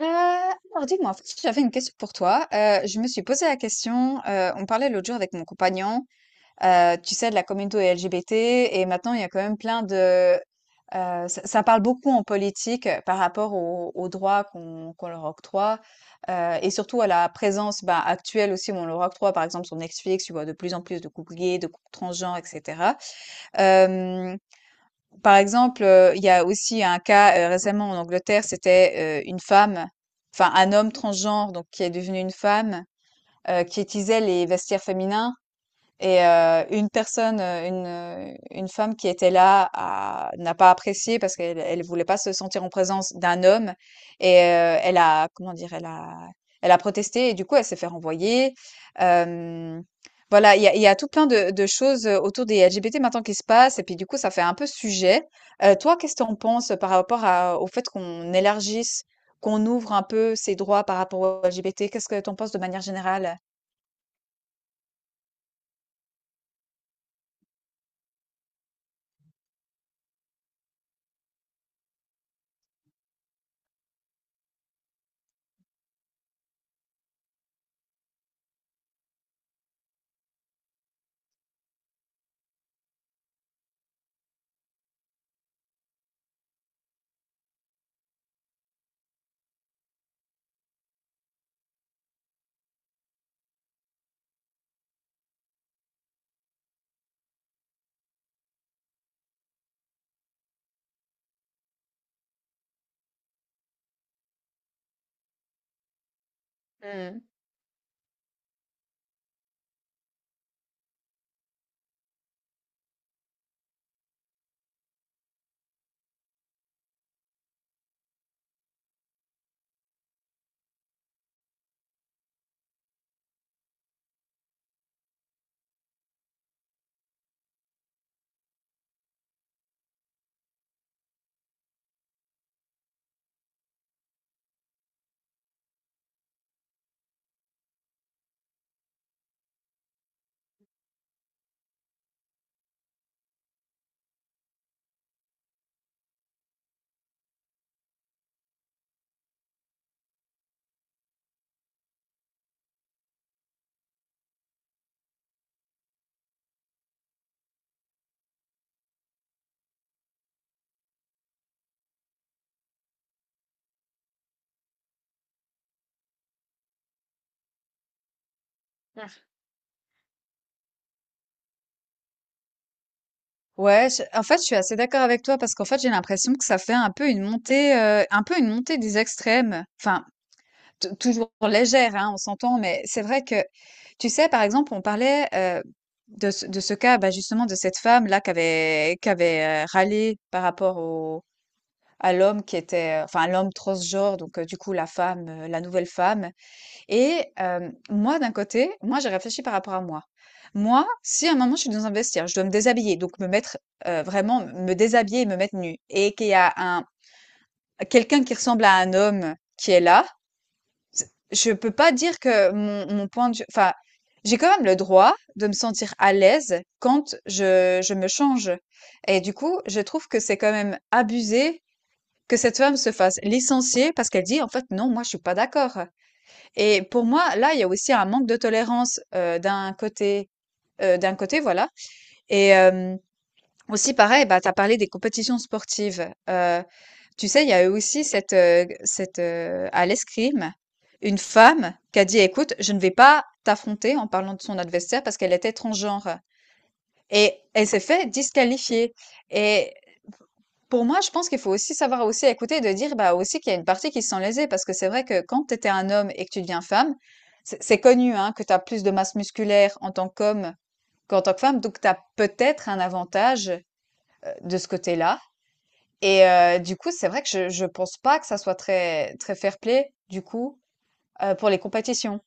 Heu, alors dis-moi, en fait, j'avais une question pour toi. Je me suis posé la question, on parlait l'autre jour avec mon compagnon, tu sais, de la communauté LGBT. Et maintenant, il y a quand même plein de, ça ça parle beaucoup en politique, par rapport aux droits qu'on leur octroie, heu et surtout à la présence, bah, actuelle aussi où on leur octroie, par exemple, sur Netflix, tu vois de plus en plus de couples gays, de couples transgenres et cetera. Hem Par exemple, il y a aussi un cas, récemment en Angleterre, c'était, une femme, enfin un homme transgenre donc qui est devenu une femme, qui utilisait les vestiaires féminins. Et une personne, une, une femme qui était là n'a pas apprécié parce qu'elle elle voulait pas se sentir en présence d'un homme. Et elle a, comment dire, elle a protesté et du coup, elle s'est fait renvoyer. Euh, voilà, il y a tout plein de choses autour des LGBT maintenant qui se passent. Et puis du coup, ça fait un peu sujet. Toi, qu'est-ce que tu en penses par rapport au fait qu'on élargisse, qu'on ouvre un peu ces droits par rapport aux LGBT? Qu'est-ce que tu en penses de manière générale? Mm. Ah. Ouais, en fait, je suis assez d'accord avec toi parce qu'en fait, j'ai l'impression que ça fait un peu une montée des extrêmes. Enfin, toujours légère, hein, on s'entend, mais c'est vrai que, tu sais, par exemple, on parlait de ce cas, bah, justement, de cette femme-là qui avait, râlé par rapport à l'homme qui était, enfin, l'homme transgenre, donc du coup, la femme, la nouvelle femme. Et moi, d'un côté, moi, j'ai réfléchi par rapport à moi. Moi, si à un moment je suis dans un vestiaire, je dois me déshabiller, donc me mettre vraiment me déshabiller et me mettre nue, et qu'il y a un quelqu'un qui ressemble à un homme qui est là, je peux pas dire que mon point de vue, enfin, j'ai quand même le droit de me sentir à l'aise quand je me change. Et du coup, je trouve que c'est quand même abusé que cette femme se fasse licencier parce qu'elle dit en fait non, moi je suis pas d'accord. Et pour moi, là, il y a aussi un manque de tolérance d'un côté, voilà. Et aussi, pareil, bah, tu as parlé des compétitions sportives. Tu sais, il y a eu aussi cette, cette à l'escrime, une femme qui a dit, écoute, je ne vais pas t'affronter en parlant de son adversaire parce qu'elle était transgenre. Et elle s'est fait disqualifier. Et pour moi, je pense qu'il faut aussi savoir aussi écouter et de dire bah aussi qu'il y a une partie qui se sent lésée parce que c'est vrai que quand tu étais un homme et que tu deviens femme, c'est connu hein, que tu as plus de masse musculaire en tant qu'homme qu'en tant que femme, donc tu as peut-être un avantage de ce côté-là. Et du coup, c'est vrai que je pense pas que ça soit très très fair-play du coup pour les compétitions.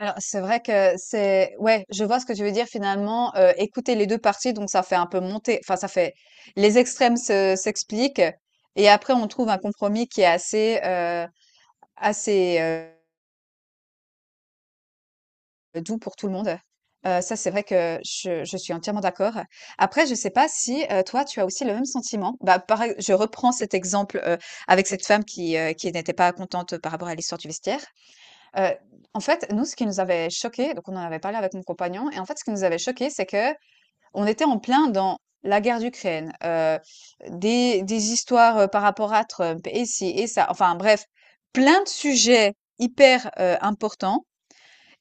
Alors, c'est vrai que c'est ouais, je vois ce que tu veux dire finalement, écouter les 2 parties donc ça fait un peu monter enfin ça fait les extrêmes se s'expliquent et après on trouve un compromis qui est assez, doux pour tout le monde. Ça c'est vrai que je suis entièrement d'accord. Après je sais pas si, toi tu as aussi le même sentiment? Bah, pareil, je reprends cet exemple, avec cette femme qui n'était pas contente par rapport à l'histoire du vestiaire. Heu, En fait, nous, ce qui nous avait choqué, donc on en avait parlé avec mon compagnon et en fait, ce qui nous avait choqué, c'est que on était en plein dans la guerre d'Ukraine, des histoires, par rapport à Trump et ci et ça, enfin bref, plein de sujets hyper, importants.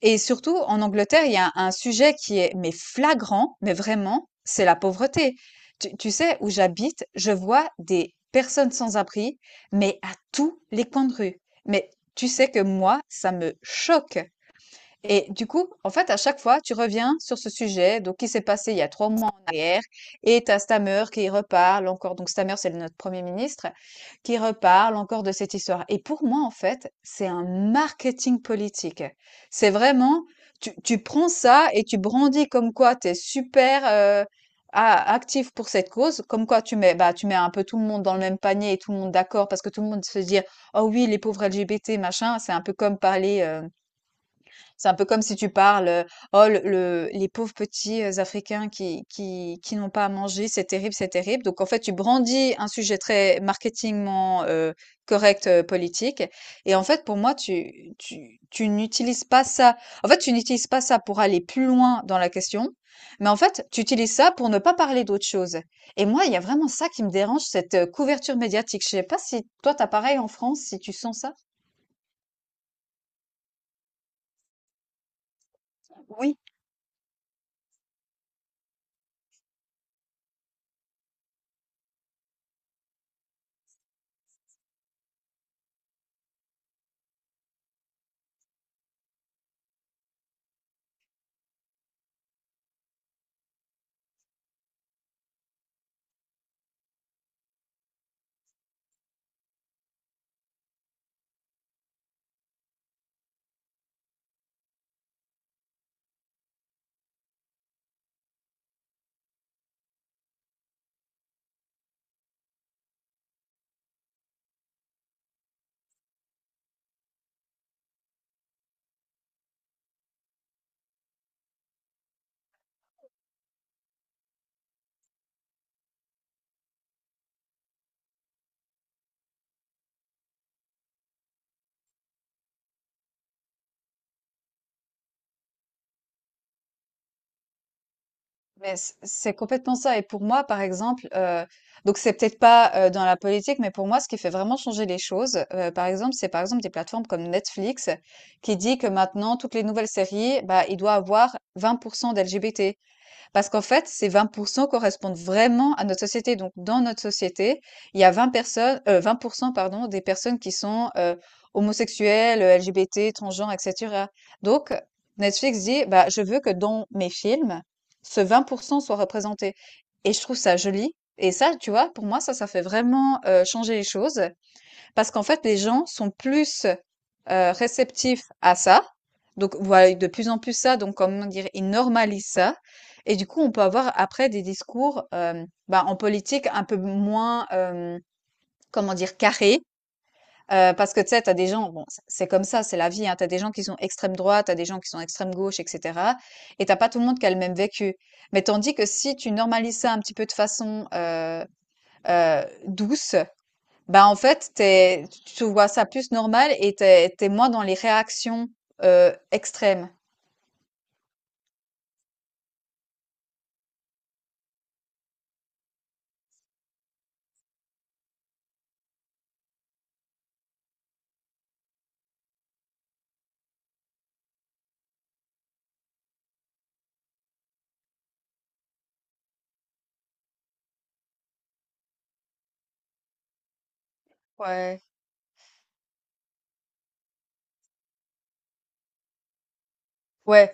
Et surtout en Angleterre, il y a un sujet qui est mais flagrant, mais vraiment, c'est la pauvreté. Tu sais, où j'habite, je vois des personnes sans abri, mais à tous les coins de rue. Mais tu sais que moi, ça me choque. Et du coup, en fait, à chaque fois, tu reviens sur ce sujet, donc qui s'est passé il y a 3 mois en arrière, et t'as Stammer qui reparle encore, donc Stammer, c'est notre Premier ministre, qui reparle encore de cette histoire. Et pour moi, en fait, c'est un marketing politique. C'est vraiment, tu prends ça et tu brandis comme quoi tu es super actif pour cette cause, comme quoi tu mets, bah, tu mets un peu tout le monde dans le même panier et tout le monde d'accord, parce que tout le monde se dit, oh oui, les pauvres LGBT, machin, c'est un peu comme si tu parles, oh, les pauvres petits Africains qui n'ont pas à manger, c'est terrible, c'est terrible. Donc, en fait, tu brandis un sujet très marketingment correct, politique. Et en fait, pour moi, tu n'utilises pas ça. En fait, tu n'utilises pas ça pour aller plus loin dans la question. Mais en fait, tu utilises ça pour ne pas parler d'autre chose. Et moi, il y a vraiment ça qui me dérange, cette couverture médiatique. Je sais pas si toi, t'as pareil en France, si tu sens ça. Oui, mais c'est complètement ça. Et pour moi, par exemple, donc c'est peut-être pas dans la politique, mais pour moi, ce qui fait vraiment changer les choses, par exemple, c'est par exemple des plateformes comme Netflix qui dit que maintenant, toutes les nouvelles séries, bah, il doit avoir 20% d'LGBT. Parce qu'en fait, ces 20% correspondent vraiment à notre société. Donc, dans notre société, il y a 20 personnes, 20% pardon, des personnes qui sont homosexuelles, LGBT, transgenres, etc. Donc, Netflix dit, bah, je veux que dans mes films, ce 20% soit représenté. Et je trouve ça joli. Et ça, tu vois, pour moi, ça fait vraiment changer les choses. Parce qu'en fait, les gens sont plus réceptifs à ça. Donc, voilà, de plus en plus ça. Donc, comment dire, ils normalisent ça. Et du coup, on peut avoir après des discours bah, en politique un peu moins, comment dire, carrés. Parce que tu sais, t'as des gens, bon, c'est comme ça, c'est la vie, hein, t'as des gens qui sont extrême droite, t'as des gens qui sont extrême gauche, etc. Et t'as pas tout le monde qui a le même vécu. Mais tandis que si tu normalises ça un petit peu de façon douce, bah, en fait, tu vois ça plus normal et t'es moins dans les réactions extrêmes. Ouais, ouais,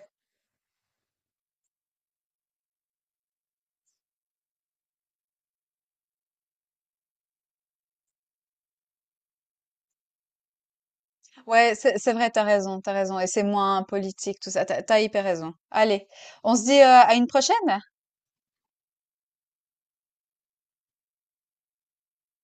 ouais, c'est vrai, t'as raison, t'as raison. Et c'est moins politique, tout ça. T'as hyper raison. Allez, on se dit à une prochaine?